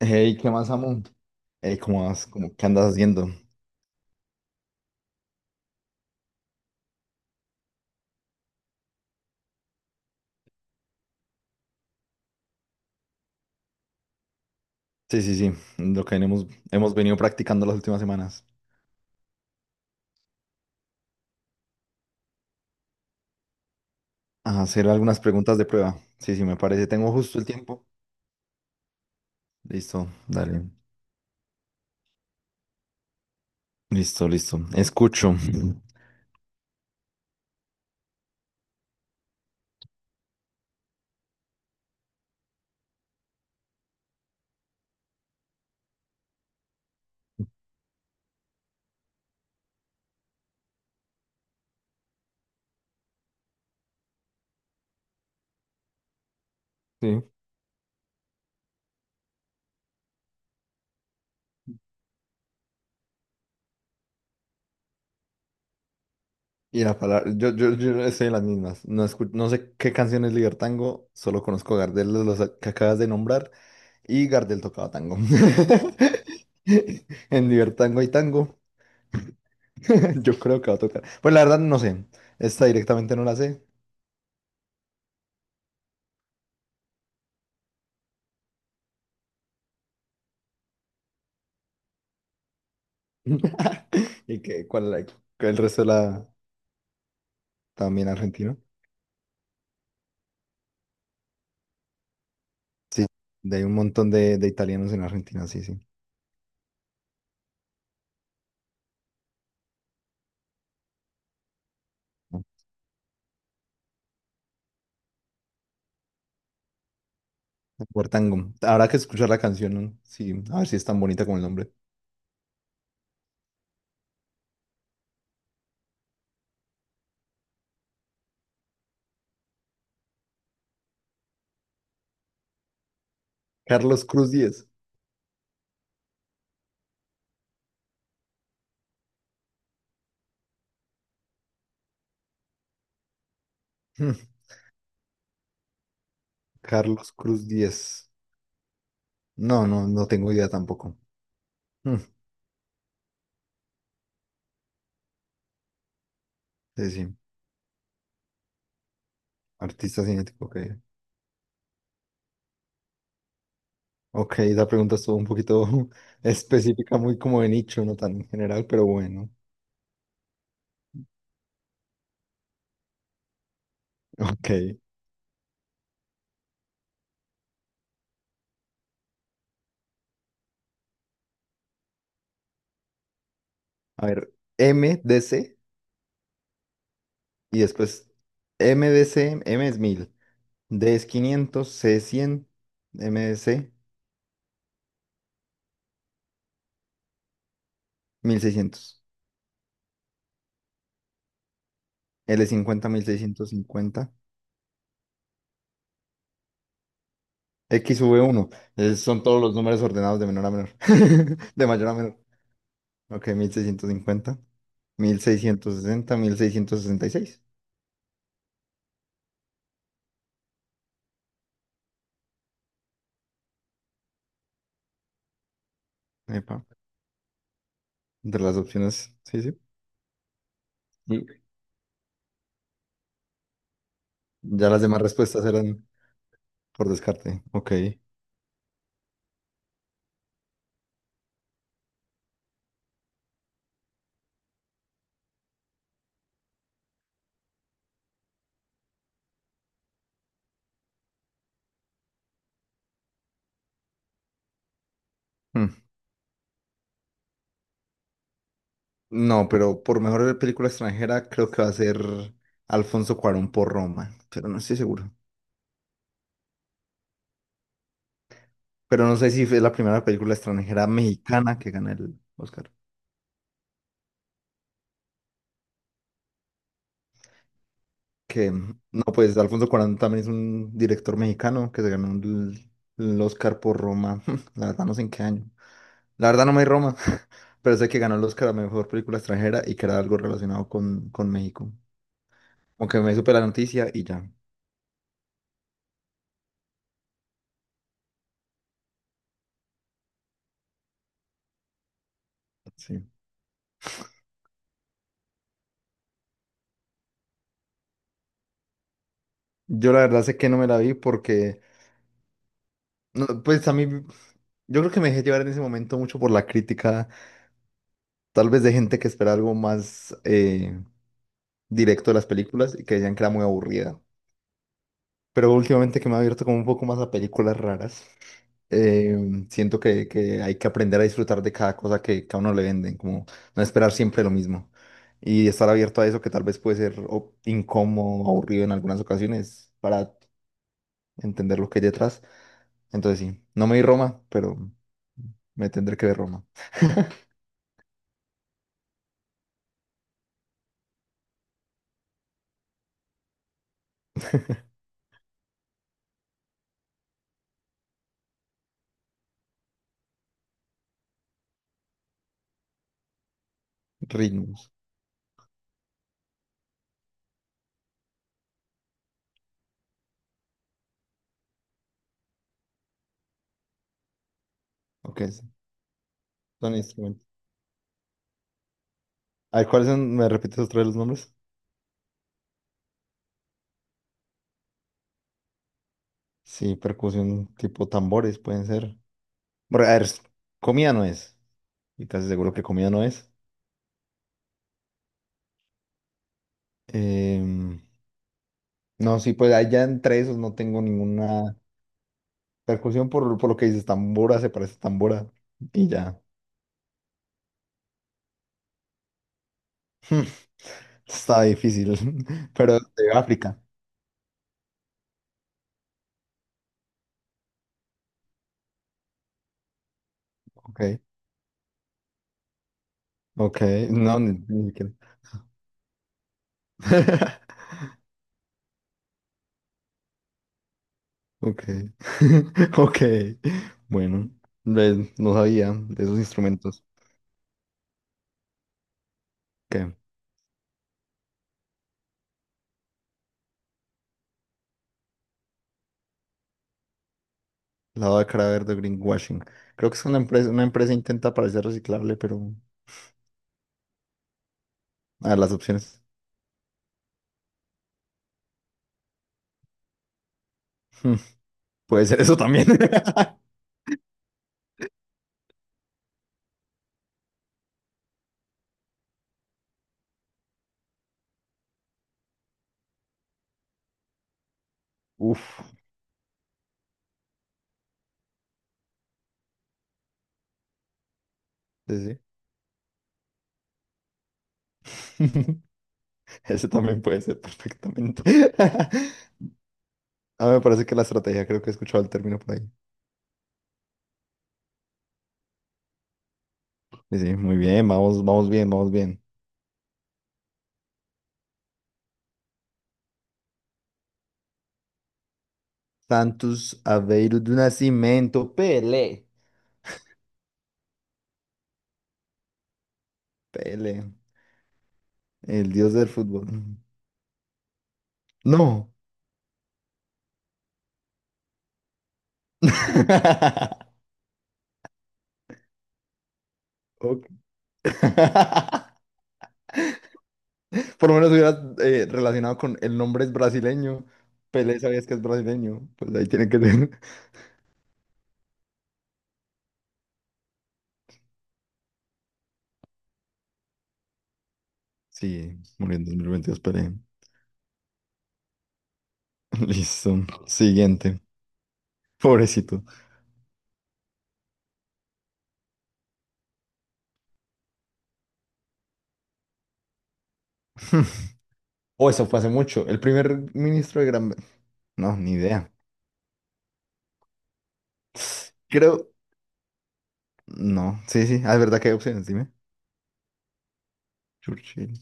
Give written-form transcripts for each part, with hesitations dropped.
Hey, ¿qué más, amo? Hey, ¿cómo vas? ¿Cómo, qué andas haciendo? Sí, sí, sí, lo que hemos venido practicando las últimas semanas. A hacer algunas preguntas de prueba. Sí, sí, me parece. Tengo justo el tiempo. Listo, dale. Listo, listo. Escucho. Sí. Y la palabra, yo estoy en las mismas. No, no sé qué canción es Ligar Tango, solo conozco Gardel, los que acabas de nombrar, y Gardel tocaba tango. En Ligar Tango hay tango. Yo creo que va a tocar. Pues la verdad no sé. Esta directamente no la sé. Y que cuál que el resto de la también argentino. Sí, de hay un montón de italianos en Argentina, sí, sí. Por tango. Habrá que escuchar la canción, ¿no? Sí, a ver si es tan bonita como el nombre. Carlos Cruz Díez. Hmm, Carlos Cruz Díez. No, no, no tengo idea tampoco. Hmm. Sí, sí. Artista cinético, ok. Ok, la pregunta estuvo un poquito específica, muy como de nicho, no tan general, pero bueno. Ok. A ver, MDC y después MDC, M es 1000, D es 500, C es 100, MDC seiscientos, L 50, 1650, X, V 1. Son todos los números ordenados de menor a menor, de mayor a menor. Ok, 1650, 1660, 1666. Epa, entre las opciones, sí, sí. Y ya las demás respuestas eran por descarte. Ok. No, pero por mejor película extranjera creo que va a ser Alfonso Cuarón por Roma, pero no estoy seguro. Pero no sé si es la primera película extranjera mexicana que gana el Oscar. Que no, pues Alfonso Cuarón también es un director mexicano que se ganó el Oscar por Roma. La verdad no sé en qué año. La verdad no me di Roma, pero sé que ganó el Oscar a mejor película extranjera y que era algo relacionado con México. Aunque me supe la noticia y ya. Sí. Yo la verdad sé que no me la vi porque. No, pues a mí, yo creo que me dejé llevar en ese momento mucho por la crítica, tal vez de gente que espera algo más directo de las películas y que decían que era muy aburrida. Pero últimamente que me he abierto como un poco más a películas raras, eh, siento que hay que aprender a disfrutar de cada cosa que a uno le venden, como no esperar siempre lo mismo. Y estar abierto a eso que tal vez puede ser incómodo, aburrido en algunas ocasiones para entender lo que hay detrás. Entonces sí, no me vi Roma, pero me tendré que ver Roma. Ritmos. Ok, sí, son instrumentos. A ver, ¿cuáles son? ¿Me repites otra vez los nombres? Sí, percusión tipo tambores pueden ser. Bueno, a ver, comida no es. Y casi seguro que comida no es. Em, no, sí, pues allá entre esos no tengo ninguna percusión por lo que dices, tambora, se parece a tambora. Y ya. Está difícil. Pero de África. Ok. Ok. No, ni siquiera. Ok, ok, bueno, ve, no sabía de esos instrumentos. ¿Qué? Lavado de cara verde, greenwashing. Creo que es una empresa intenta parecer reciclable, pero a ver, las opciones. Hmm, Puede ser eso también. Uf, sí, sí. Ese también puede ser perfectamente. A mí me parece que la estrategia, creo que he escuchado el término por ahí. Sí, sí, muy bien, vamos, vamos bien, vamos bien. Santos Aveiro do Nascimento, Pelé. Pelé. El dios del fútbol. No. Ok. Por lo menos hubieras relacionado con el nombre es brasileño. Pelé sabías que es brasileño. Pues ahí tiene que ser. Sí, murió en 2022 Pelé. Listo. Siguiente. Pobrecito. Oh, eso fue hace mucho. El primer ministro de Gran... No, ni idea. Creo... No, sí, sí. Ah, es verdad que hay opciones, dime. Churchill.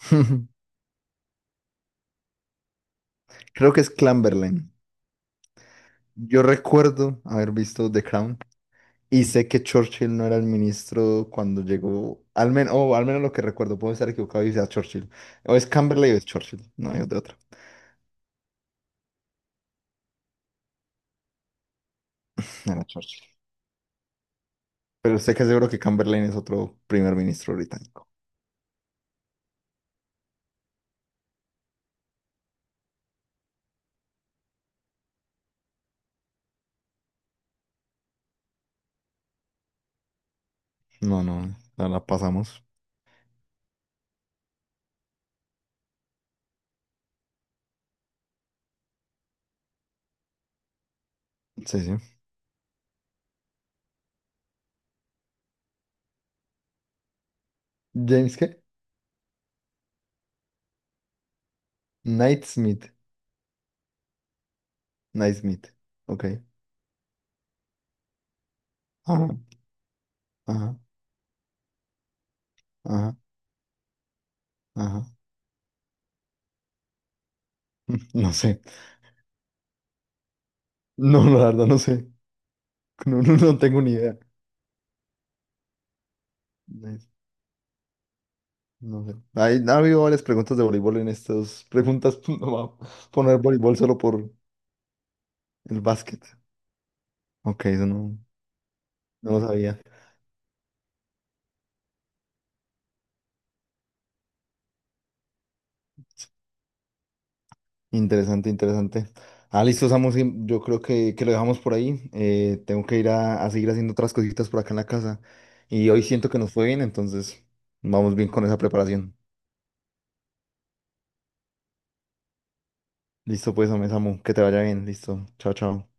Creo que es Clamberlain. Yo recuerdo haber visto The Crown. Y sé que Churchill no era el ministro cuando llegó, al menos, o al menos lo que recuerdo, puedo estar equivocado y sea Churchill. O es Camberley o es Churchill, no hay de otra. Era Churchill. Pero sé que seguro que Chamberlain es otro primer ministro británico. No, no, la pasamos. Sí, sí. ¿James qué? Knightsmith. Knightsmith. Ok. Ajá, ajá, ajá, ajá. No sé. No, la verdad no sé. No, no, no tengo ni idea. No sé. Ha habido varias preguntas de voleibol en estas preguntas. No va a poner voleibol solo por el básquet. Ok, eso no, no lo sabía. Interesante, interesante. Ah, listo, Samu. Sí, yo creo que lo dejamos por ahí. Tengo que ir a seguir haciendo otras cositas por acá en la casa. Y hoy siento que nos fue bien, entonces vamos bien con esa preparación. Listo, pues, hombre, Samu. Que te vaya bien. Listo. Chao, chao.